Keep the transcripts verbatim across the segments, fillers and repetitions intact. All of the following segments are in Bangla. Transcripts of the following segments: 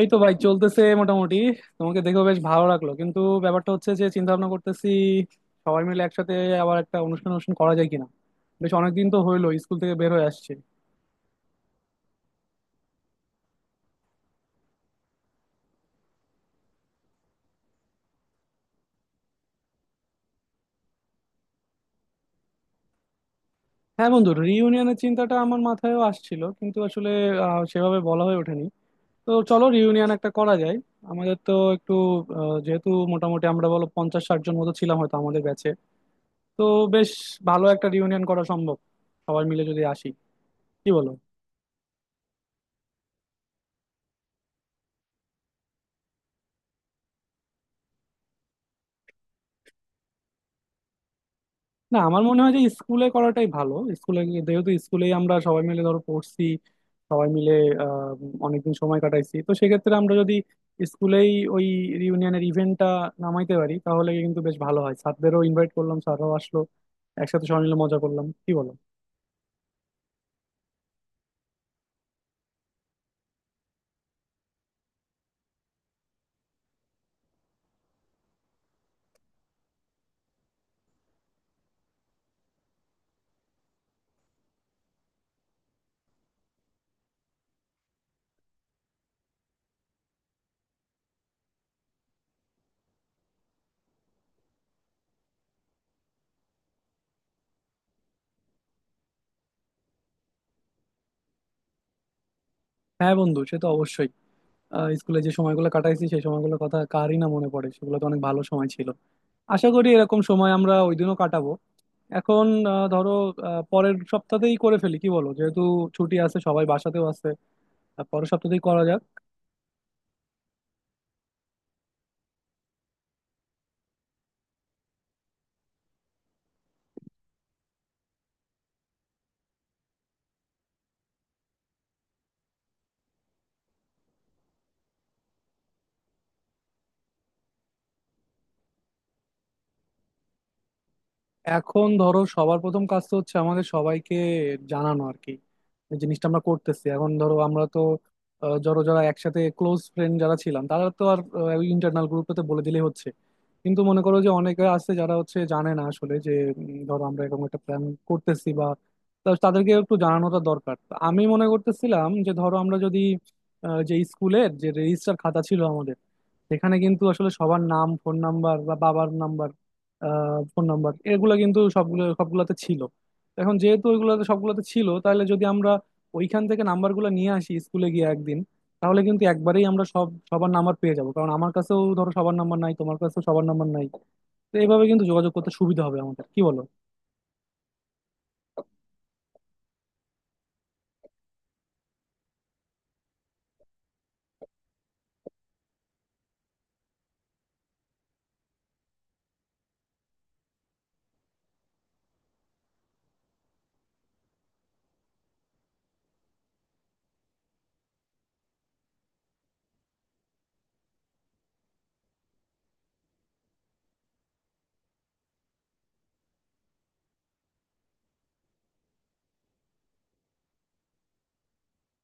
এই তো ভাই চলতেছে মোটামুটি। তোমাকে দেখেও বেশ ভালো লাগলো, কিন্তু ব্যাপারটা হচ্ছে যে চিন্তা ভাবনা করতেছি সবাই মিলে একসাথে আবার একটা অনুষ্ঠান অনুষ্ঠান করা যায় কিনা। বেশ অনেকদিন তো হইলো স্কুল থেকে বের হয়ে আসছে। হ্যাঁ বন্ধু, রিইউনিয়নের চিন্তাটা আমার মাথায়ও আসছিল, কিন্তু আসলে আহ, সেভাবে বলা হয়ে ওঠেনি। তো চলো রিউনিয়ন একটা করা যায়। আমাদের তো একটু আহ, যেহেতু মোটামুটি আমরা বলো পঞ্চাশ ষাট জন মতো ছিলাম হয়তো আমাদের ব্যাচে, তো বেশ ভালো একটা রিউনিয়ন করা সম্ভব সবাই মিলে যদি আসি, কি বলো? না, আমার মনে হয় যে স্কুলে করাটাই ভালো। স্কুলে গিয়ে- যেহেতু স্কুলেই আমরা সবাই মিলে ধরো পড়ছি, সবাই মিলে আহ, অনেকদিন সময় কাটাইছি, তো সেক্ষেত্রে আমরা যদি স্কুলেই ওই রিউনিয়নের ইভেন্টটা নামাইতে পারি তাহলে কিন্তু বেশ ভালো হয়। স্যারদেরও ইনভাইট করলাম, স্যাররাও আসলো, একসাথে সবাই মিলে মজা করলাম, কি বলো? হ্যাঁ বন্ধু, সে তো অবশ্যই। আহ, স্কুলে যে সময়গুলো কাটাইছি, সেই সময়গুলোর কথা কারই না মনে পড়ে, সেগুলো তো অনেক ভালো সময় ছিল। আশা করি এরকম সময় আমরা ওই দিনও কাটাবো। এখন আহ, ধরো আহ, পরের সপ্তাহতেই করে ফেলি, কি বলো? যেহেতু ছুটি আছে, সবাই বাসাতেও আছে, আর পরের সপ্তাহতেই করা যাক। এখন ধরো সবার প্রথম কাজ তো হচ্ছে আমাদের সবাইকে জানানো আর কি, এই জিনিসটা আমরা করতেছি। এখন ধরো আমরা তো আহ, ধরো যারা একসাথে ক্লোজ ফ্রেন্ড যারা ছিলাম, তারা তো আর আহ, ওই ইন্টারনাল গ্রুপটাতে বলে দিলেই হচ্ছে। কিন্তু মনে করো যে অনেকে আছে যারা হচ্ছে জানে না আসলে যে উম, ধরো আমরা এরকম একটা প্ল্যান করতেছি বা, তা তাদেরকে একটু জানানোটা দরকার। তো আমি মনে করতেছিলাম যে ধরো আমরা যদি আহ, যে স্কুলের যে রেজিস্টার খাতা ছিল আমাদের, সেখানে কিন্তু আসলে সবার নাম, ফোন নাম্বার বা বাবার নাম্বার, ফোন নাম্বার এগুলো কিন্তু সবগুলো সবগুলাতে ছিল। এখন যেহেতু ওইগুলোতে সবগুলোতে ছিল, তাহলে যদি আমরা ওইখান থেকে নাম্বারগুলো নিয়ে আসি স্কুলে গিয়ে একদিন, তাহলে কিন্তু একবারেই আমরা সব সবার নাম্বার পেয়ে যাবো। কারণ আমার কাছেও ধরো সবার নাম্বার নাই, তোমার কাছেও সবার নাম্বার নাই। তো এইভাবে কিন্তু যোগাযোগ করতে সুবিধা হবে আমাদের, কি বলো?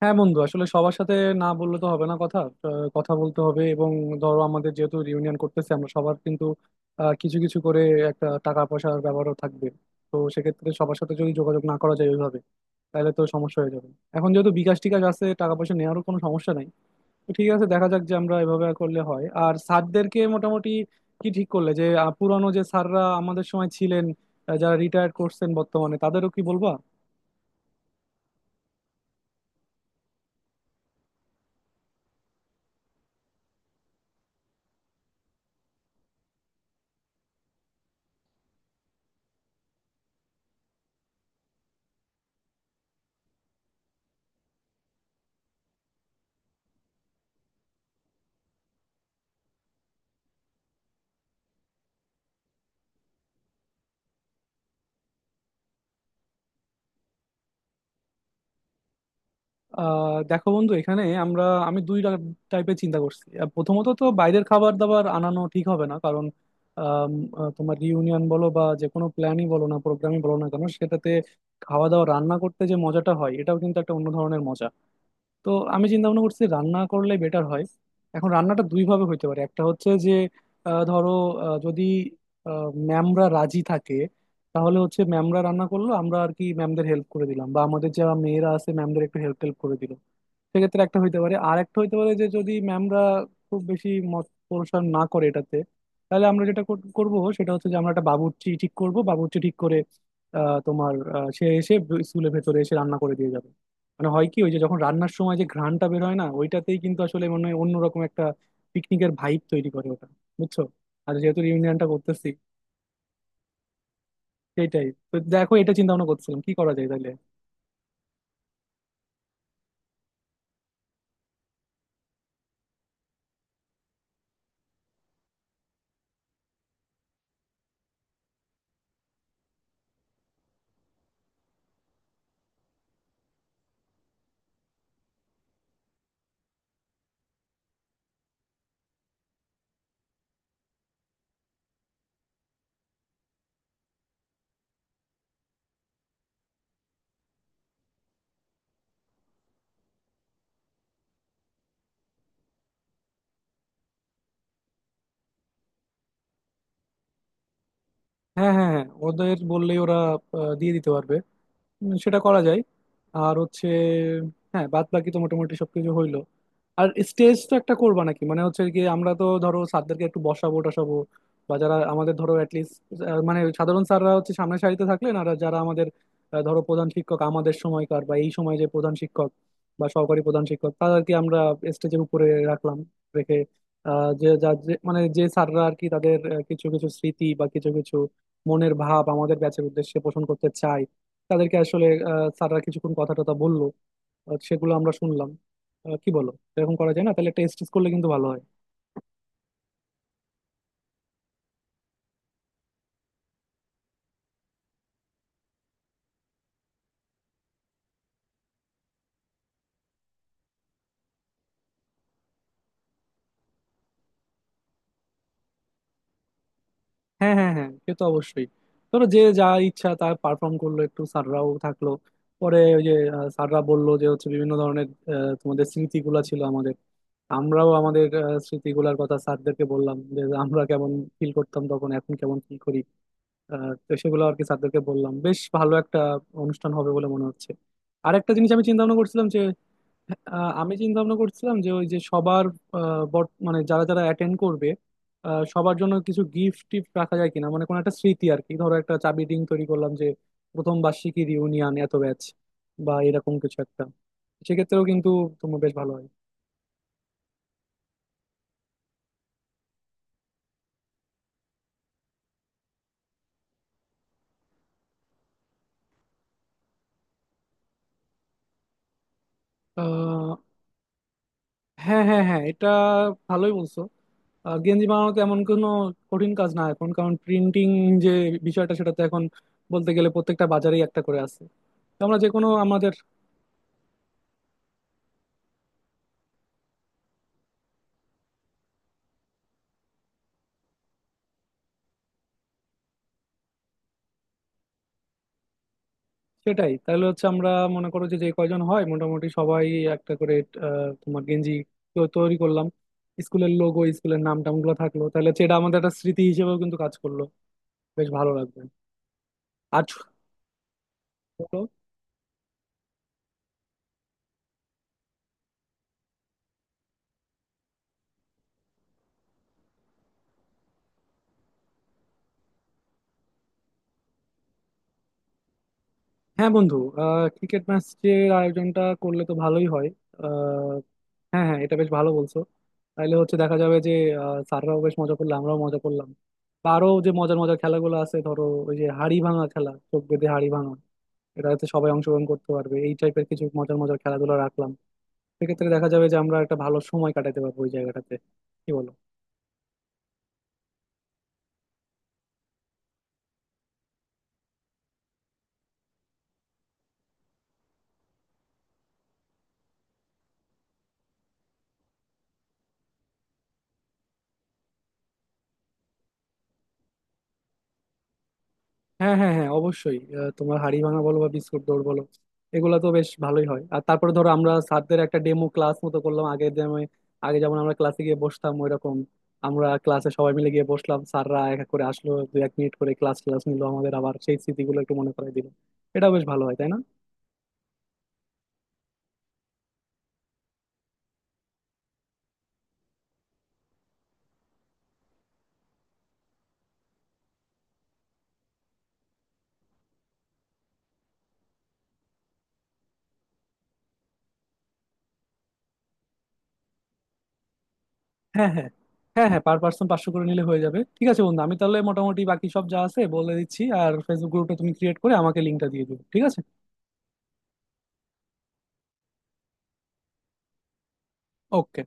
হ্যাঁ বন্ধু, আসলে সবার সাথে না বললে তো হবে না। কথা আহ, কথা বলতে হবে এবং ধরো আমাদের যেহেতু রিউনিয়ন করতেছে, আমরা সবার কিন্তু আহ, কিছু কিছু করে একটা টাকা পয়সার ব্যাপারও থাকবে। তো সেক্ষেত্রে সবার সাথে যদি যোগাযোগ না করা যায় ওইভাবে, তাহলে তো সমস্যা হয়ে যাবে। এখন যেহেতু বিকাশ টিকাশ আছে, টাকা পয়সা নেওয়ারও কোনো সমস্যা নাই। তো ঠিক আছে, দেখা যাক যে আমরা এভাবে করলে হয়। আর স্যারদেরকে মোটামুটি কি ঠিক করলে যে আহ, পুরানো যে স্যাররা আমাদের সময় ছিলেন, আহ, যারা রিটায়ার করছেন বর্তমানে, তাদেরও কি বলবা? আহ দেখো বন্ধু, এখানে আমরা, আমি দুই টাইপের চিন্তা করছি। আহ, প্রথমত তো বাইরের খাবার দাবার আনানো ঠিক হবে না, কারণ আম, আহ, তোমার রিউনিয়ন বলো বা যে কোনো প্ল্যানই বলো না, প্রোগ্রামই বলো না কেন, সেটাতে খাওয়া দাওয়া রান্না করতে যে মজাটা হয়, এটাও কিন্তু একটা অন্য ধরনের মজা। তো আমি চিন্তা ভাবনা করছি রান্না করলে বেটার হয়। এখন রান্নাটা দুই ভাবে হইতে পারে। একটা হচ্ছে যে আহ, ধরো আহ, যদি ম্যামরা রাজি থাকে, তাহলে হচ্ছে ম্যামরা রান্না করলো, আমরা আর কি ম্যামদের হেল্প করে দিলাম, বা আমাদের যারা মেয়েরা আছে ম্যামদের একটু হেল্প টেল্প করে দিল। সেক্ষেত্রে একটা হইতে পারে। আর একটা হইতে পারে যে যদি ম্যামরা খুব বেশি মত পোষণ না করে এটাতে, তাহলে আমরা যেটা কর- করব সেটা হচ্ছে যে আমরা একটা বাবুর্চি ঠিক করব। বাবুর্চি ঠিক করে আহ, তোমার আহ, সে এসে স্কুলের ভেতরে এসে রান্না করে দিয়ে যাবে। মানে হয় কি, ওই যে যখন রান্নার সময় যে ঘ্রাণটা বের হয় না, ওইটাতেই কিন্তু আসলে মনে হয় অন্যরকম একটা পিকনিকের ভাইব তৈরি করে ওটা, বুঝছো? আর যেহেতু রিউনিয়নটা করতেছি, সেটাই তো। দেখো এটা চিন্তা ভাবনা করছিলাম কি করা যায়, তাহলে হ্যাঁ হ্যাঁ হ্যাঁ। ওদের বললেই ওরা আহ, দিয়ে দিতে পারবে। উম, সেটা করা যায়। আর হচ্ছে, হ্যাঁ, বাদ বাকি তো মোটামুটি সবকিছু হইলো। আর স্টেজ তো একটা করবা নাকি? মানে হচ্ছে কি, আমরা তো ধরো স্যারদেরকে একটু বসাবো টসাবো, বা যারা আমাদের ধরো অ্যাটলিস্ট মানে সাধারণ স্যাররা হচ্ছে সামনের সারিতে থাকলেন, আর যারা আমাদের আহ, ধরো প্রধান শিক্ষক আমাদের সময়কার বা এই সময় যে প্রধান শিক্ষক বা সহকারী প্রধান শিক্ষক, তাদেরকে আমরা স্টেজের উপরে রাখলাম। রেখে আহ, যে যা যে- মানে যে স্যাররা আর কি, তাদের আহ, কিছু কিছু স্মৃতি বা কিছু কিছু মনের ভাব আমাদের ব্যাচের উদ্দেশ্যে পোষণ করতে চায়, তাদেরকে আসলে আহ, স্যাররা কিছুক্ষণ কথা টথা বললো, আহ, সেগুলো আমরা শুনলাম। আহ, কি বলো এরকম করা যায় না? তাহলে টেস্ট করলে কিন্তু ভালো হয়। হ্যাঁ হ্যাঁ হ্যাঁ, সে তো অবশ্যই। ধরো যে যা ইচ্ছা তা পারফর্ম করলো, একটু স্যাররাও থাকলো, পরে ওই যে আহ, স্যাররা বললো যে হচ্ছে বিভিন্ন ধরনের আহ, তোমাদের স্মৃতিগুলা ছিল আমাদের, আমরাও আমাদের আহ, স্মৃতিগুলার কথা স্যারদেরকে বললাম, যে আমরা কেমন ফিল করতাম তখন, এখন কেমন ফিল করি। আহ, তো সেগুলো আর কি স্যারদেরকে বললাম। বেশ ভালো একটা অনুষ্ঠান হবে বলে মনে হচ্ছে। আরেকটা জিনিস আমি চিন্তা ভাবনা করছিলাম। আহ, আমি চিন্তা ভাবনা করছিলাম যে ওই যে সবার আহ, বর- মানে যারা যারা অ্যাটেন্ড করবে, আহ, সবার জন্য কিছু গিফট টিফট রাখা যায় কিনা, মানে কোনো একটা স্মৃতি আর কি। ধরো একটা চাবি রিং তৈরি করলাম যে প্রথম বার্ষিকী রিউনিয়ন এত ব্যাচ, বা এরকম কিছু একটা। সেক্ষেত্রেও কিন্তু তোমার বেশ ভালো হয়। আহ, হ্যাঁ হ্যাঁ হ্যাঁ, এটা ভালোই বলছো। আহ, গেঞ্জি বানানো তো এমন কোনো কঠিন কাজ না এখন, কারণ প্রিন্টিং যে বিষয়টা, সেটা তো এখন বলতে গেলে প্রত্যেকটা বাজারেই একটা করে আছে। তো আমরা যে কোনো আমাদের সেটাই, তাহলে হচ্ছে আমরা মনে করো যে যে কয়জন হয়, মোটামুটি সবাই একটা করে আহ, তোমার গেঞ্জি তো তৈরি করলাম, স্কুলের লোগো স্কুলের নাম টাম গুলো থাকলো, তাহলে হচ্ছে এটা আমাদের একটা স্মৃতি হিসেবেও কিন্তু কাজ করলো, বেশ ভালো লাগবে। আর ছোট, হ্যাঁ বন্ধু, আহ ক্রিকেট ম্যাচের আয়োজনটা করলে তো ভালোই হয়। আহ, হ্যাঁ হ্যাঁ, এটা বেশ ভালো বলছো। তাহলে হচ্ছে দেখা যাবে যে আহ, স্যাররাও বেশ মজা করলো, আমরাও মজা করলাম। বা আরো যে মজার মজার খেলাগুলো আছে ধরো, ওই যে হাড়ি ভাঙা খেলা, চোখ বেঁধে হাড়ি ভাঙা, এটা হচ্ছে সবাই অংশগ্রহণ করতে পারবে। এই টাইপের কিছু মজার মজার খেলাধুলা রাখলাম, সেক্ষেত্রে দেখা যাবে যে আমরা একটা ভালো সময় কাটাতে পারবো ওই জায়গাটাতে, কি বলো? হ্যাঁ হ্যাঁ হ্যাঁ, অবশ্যই। আহ, তোমার হাড়ি ভাঙা বলো বা বিস্কুট দৌড় বলো, এগুলো তো বেশ ভালোই হয়। আর তারপরে ধরো আমরা স্যারদের একটা ডেমো ক্লাস মতো করলাম, আগে যেমন আগে যেমন আমরা ক্লাসে গিয়ে বসতাম ওইরকম আমরা ক্লাসে সবাই মিলে গিয়ে বসলাম, স্যাররা এক এক করে আসলো, দু এক মিনিট করে ক্লাস ক্লাস নিলো, আমাদের আবার সেই স্মৃতিগুলো একটু মনে করাই দিল। এটাও বেশ ভালো হয়, তাই না? হ্যাঁ হ্যাঁ হ্যাঁ। হ্যাঁ, পার পার্সন পাঁচশো করে নিলে হয়ে যাবে। ঠিক আছে বন্ধু, আমি তাহলে মোটামুটি বাকি সব যা আছে বলে দিচ্ছি, আর ফেসবুক গ্রুপটা তুমি ক্রিয়েট করে আমাকে লিঙ্কটা দিয়ে দিও, ঠিক আছে? ওকে।